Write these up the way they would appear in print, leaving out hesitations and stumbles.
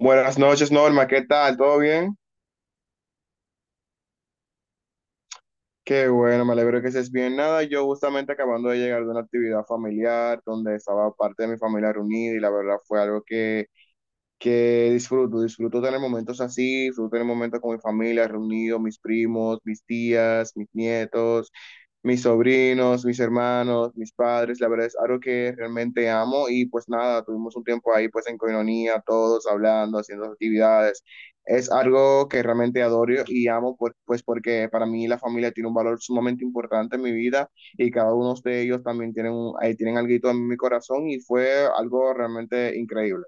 Buenas noches, Norma, ¿qué tal? ¿Todo bien? Qué bueno, me alegro que estés bien. Nada, yo justamente acabando de llegar de una actividad familiar donde estaba parte de mi familia reunida y la verdad fue algo que disfruto, disfruto tener momentos así, disfruto tener momentos con mi familia, reunido, mis primos, mis tías, mis nietos, mis sobrinos, mis hermanos, mis padres, la verdad es algo que realmente amo y pues nada, tuvimos un tiempo ahí pues en coinonía, todos hablando, haciendo actividades. Es algo que realmente adoro y amo pues porque para mí la familia tiene un valor sumamente importante en mi vida y cada uno de ellos también tienen, tienen algo en mi corazón y fue algo realmente increíble.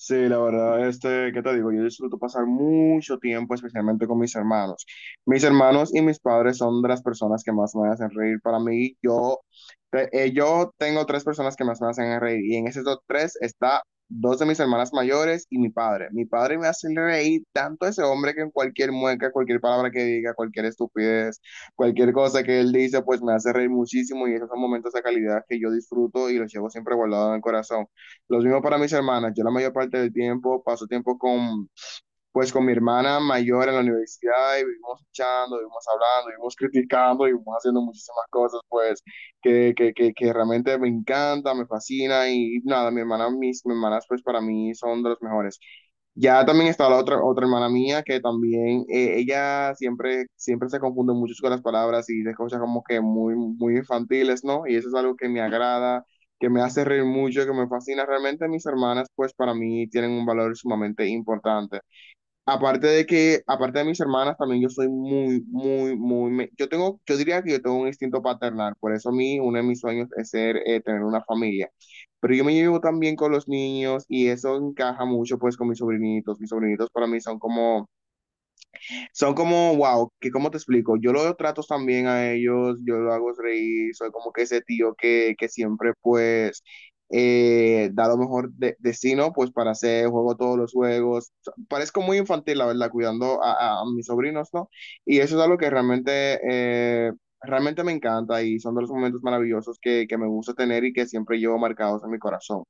Sí, la verdad, este, ¿qué te digo? Yo disfruto pasar mucho tiempo, especialmente con mis hermanos. Mis hermanos y mis padres son de las personas que más me hacen reír. Para mí, yo, yo tengo tres personas que más me hacen reír y en esos tres está dos de mis hermanas mayores y mi padre. Mi padre me hace reír tanto ese hombre que en cualquier mueca, cualquier palabra que diga, cualquier estupidez, cualquier cosa que él dice, pues me hace reír muchísimo y esos son momentos de calidad que yo disfruto y los llevo siempre guardado en el corazón. Lo mismo para mis hermanas. Yo la mayor parte del tiempo paso tiempo con, pues, con mi hermana mayor en la universidad y vivimos echando, vivimos hablando, vivimos criticando, vivimos haciendo muchísimas cosas, pues, que realmente me encanta, me fascina y nada, mi hermana, mis hermanas, pues, para mí son de los mejores. Ya también está la otra, otra hermana mía que también, ella siempre, siempre se confunde mucho con las palabras y dice cosas como que muy, muy infantiles, ¿no? Y eso es algo que me agrada, que me hace reír mucho, que me fascina. Realmente mis hermanas, pues para mí tienen un valor sumamente importante. Aparte de que, aparte de mis hermanas, también yo soy muy, muy, yo tengo, yo diría que yo tengo un instinto paternal, por eso a mí uno de mis sueños es ser, tener una familia. Pero yo me llevo también con los niños y eso encaja mucho pues con mis sobrinitos. Mis sobrinitos para mí son como, wow, que cómo te explico, yo los trato también a ellos, yo lo hago reír, soy como que ese tío que siempre pues da lo mejor de sí, ¿no? Pues para hacer, juego todos los juegos. O sea, parezco muy infantil, la verdad, cuidando a, a mis sobrinos, ¿no? Y eso es algo que realmente, realmente me encanta y son de los momentos maravillosos que me gusta tener y que siempre llevo marcados en mi corazón.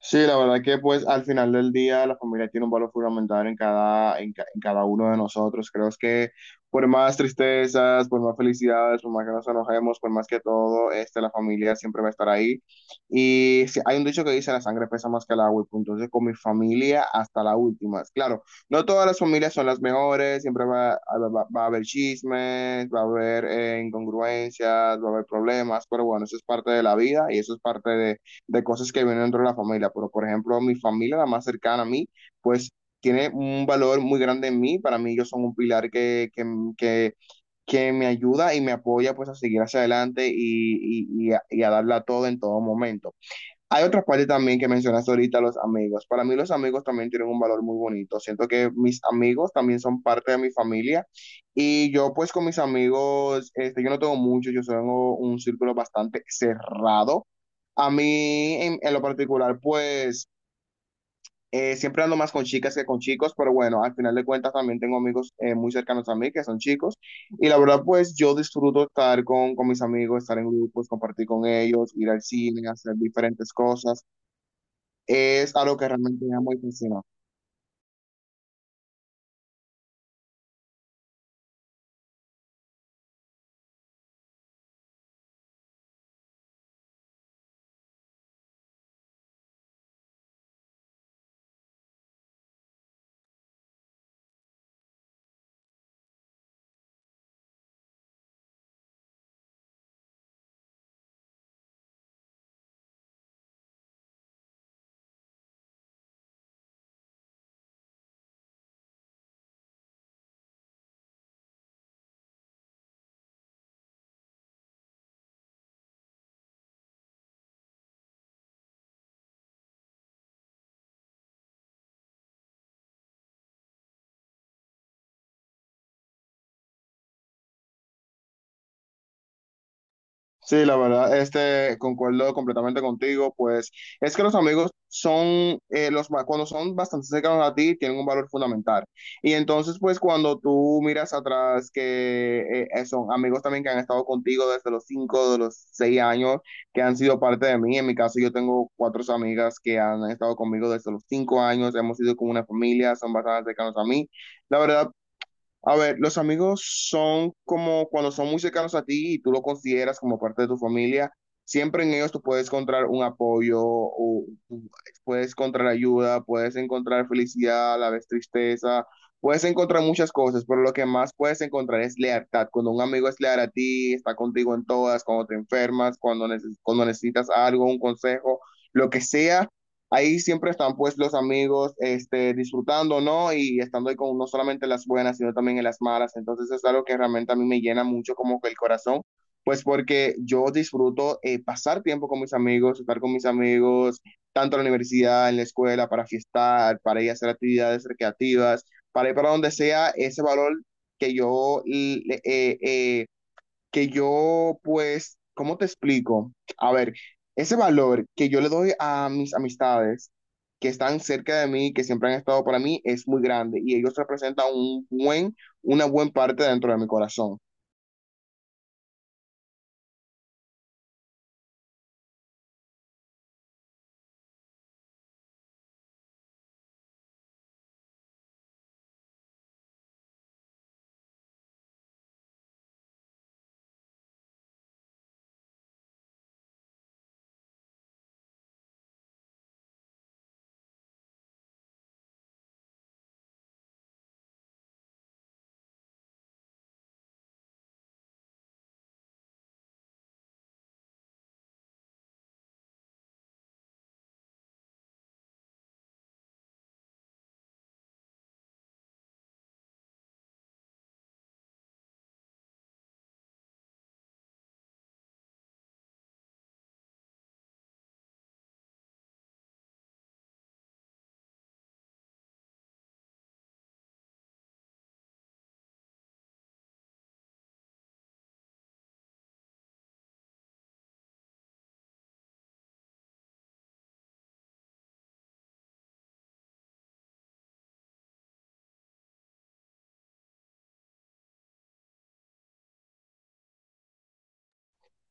Sí, la verdad que pues al final del día la familia tiene un valor fundamental en cada, en cada uno de nosotros. Creo es que por más tristezas, por más felicidades, por más que nos enojemos, por más que todo, este, la familia siempre va a estar ahí. Y sí, hay un dicho que dice, la sangre pesa más que el agua. Y punto. Entonces con mi familia hasta la última. Claro, no todas las familias son las mejores, siempre va a haber chismes, va a haber incongruencias, va a haber problemas, pero bueno, eso es parte de la vida y eso es parte de cosas que vienen dentro de la familia, pero por ejemplo, mi familia, la más cercana a mí, pues tiene un valor muy grande en mí, para mí ellos son un pilar que, que me ayuda y me apoya pues a seguir hacia adelante y a darla todo en todo momento. Hay otra parte también que mencionaste ahorita, los amigos. Para mí los amigos también tienen un valor muy bonito. Siento que mis amigos también son parte de mi familia y yo pues con mis amigos, este, yo no tengo muchos, yo tengo un círculo bastante cerrado. A mí en lo particular pues siempre ando más con chicas que con chicos, pero bueno, al final de cuentas también tengo amigos muy cercanos a mí que son chicos y la verdad pues yo disfruto estar con mis amigos, estar en grupos, compartir con ellos, ir al cine, hacer diferentes cosas es algo que realmente me amo y fascina. Sí, la verdad, este, concuerdo completamente contigo, pues es que los amigos son, cuando son bastante cercanos a ti, tienen un valor fundamental. Y entonces, pues cuando tú miras atrás que son amigos también que han estado contigo desde los cinco, de los seis años, que han sido parte de mí, en mi caso yo tengo cuatro amigas que han estado conmigo desde los cinco años, hemos sido como una familia, son bastante cercanos a mí. La verdad, a ver, los amigos son como cuando son muy cercanos a ti y tú lo consideras como parte de tu familia, siempre en ellos tú puedes encontrar un apoyo, o tú puedes encontrar ayuda, puedes encontrar felicidad, a la vez tristeza, puedes encontrar muchas cosas, pero lo que más puedes encontrar es lealtad. Cuando un amigo es leal a ti, está contigo en todas, cuando te enfermas, cuando, cuando necesitas algo, un consejo, lo que sea ahí siempre están pues los amigos este, disfrutando, ¿no? Y estando ahí con no solamente las buenas, sino también en las malas. Entonces es algo que realmente a mí me llena mucho como que el corazón, pues porque yo disfruto pasar tiempo con mis amigos, estar con mis amigos, tanto en la universidad, en la escuela, para fiestar, para ir a hacer actividades recreativas, para ir para donde sea ese valor que yo eh, eh, que yo, pues, ¿cómo te explico? A ver, ese valor que yo le doy a mis amistades que están cerca de mí, que siempre han estado para mí, es muy grande y ellos representan un buen, una buena parte dentro de mi corazón.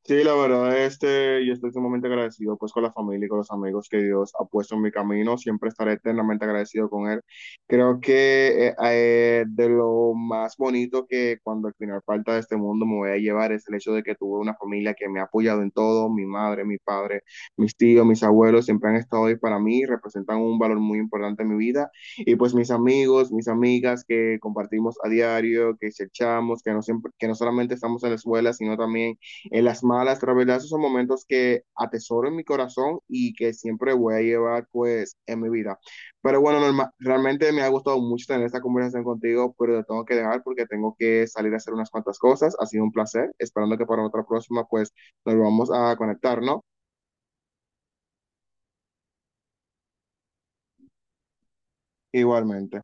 Sí, la verdad, este, yo estoy sumamente agradecido pues con la familia y con los amigos que Dios ha puesto en mi camino. Siempre estaré eternamente agradecido con Él. Creo que de lo más bonito que cuando al final falta de este mundo me voy a llevar es el hecho de que tuve una familia que me ha apoyado en todo. Mi madre, mi padre, mis tíos, mis abuelos siempre han estado ahí para mí, representan un valor muy importante en mi vida. Y pues mis amigos, mis amigas que compartimos a diario, que echamos, que no, siempre, que no solamente estamos en la escuela, sino también en las malas, pero la verdad esos son momentos que atesoro en mi corazón y que siempre voy a llevar pues en mi vida. Pero bueno, Norma, realmente me ha gustado mucho tener esta conversación contigo, pero te tengo que dejar porque tengo que salir a hacer unas cuantas cosas. Ha sido un placer, esperando que para otra próxima pues nos vamos a conectar, ¿no? Igualmente.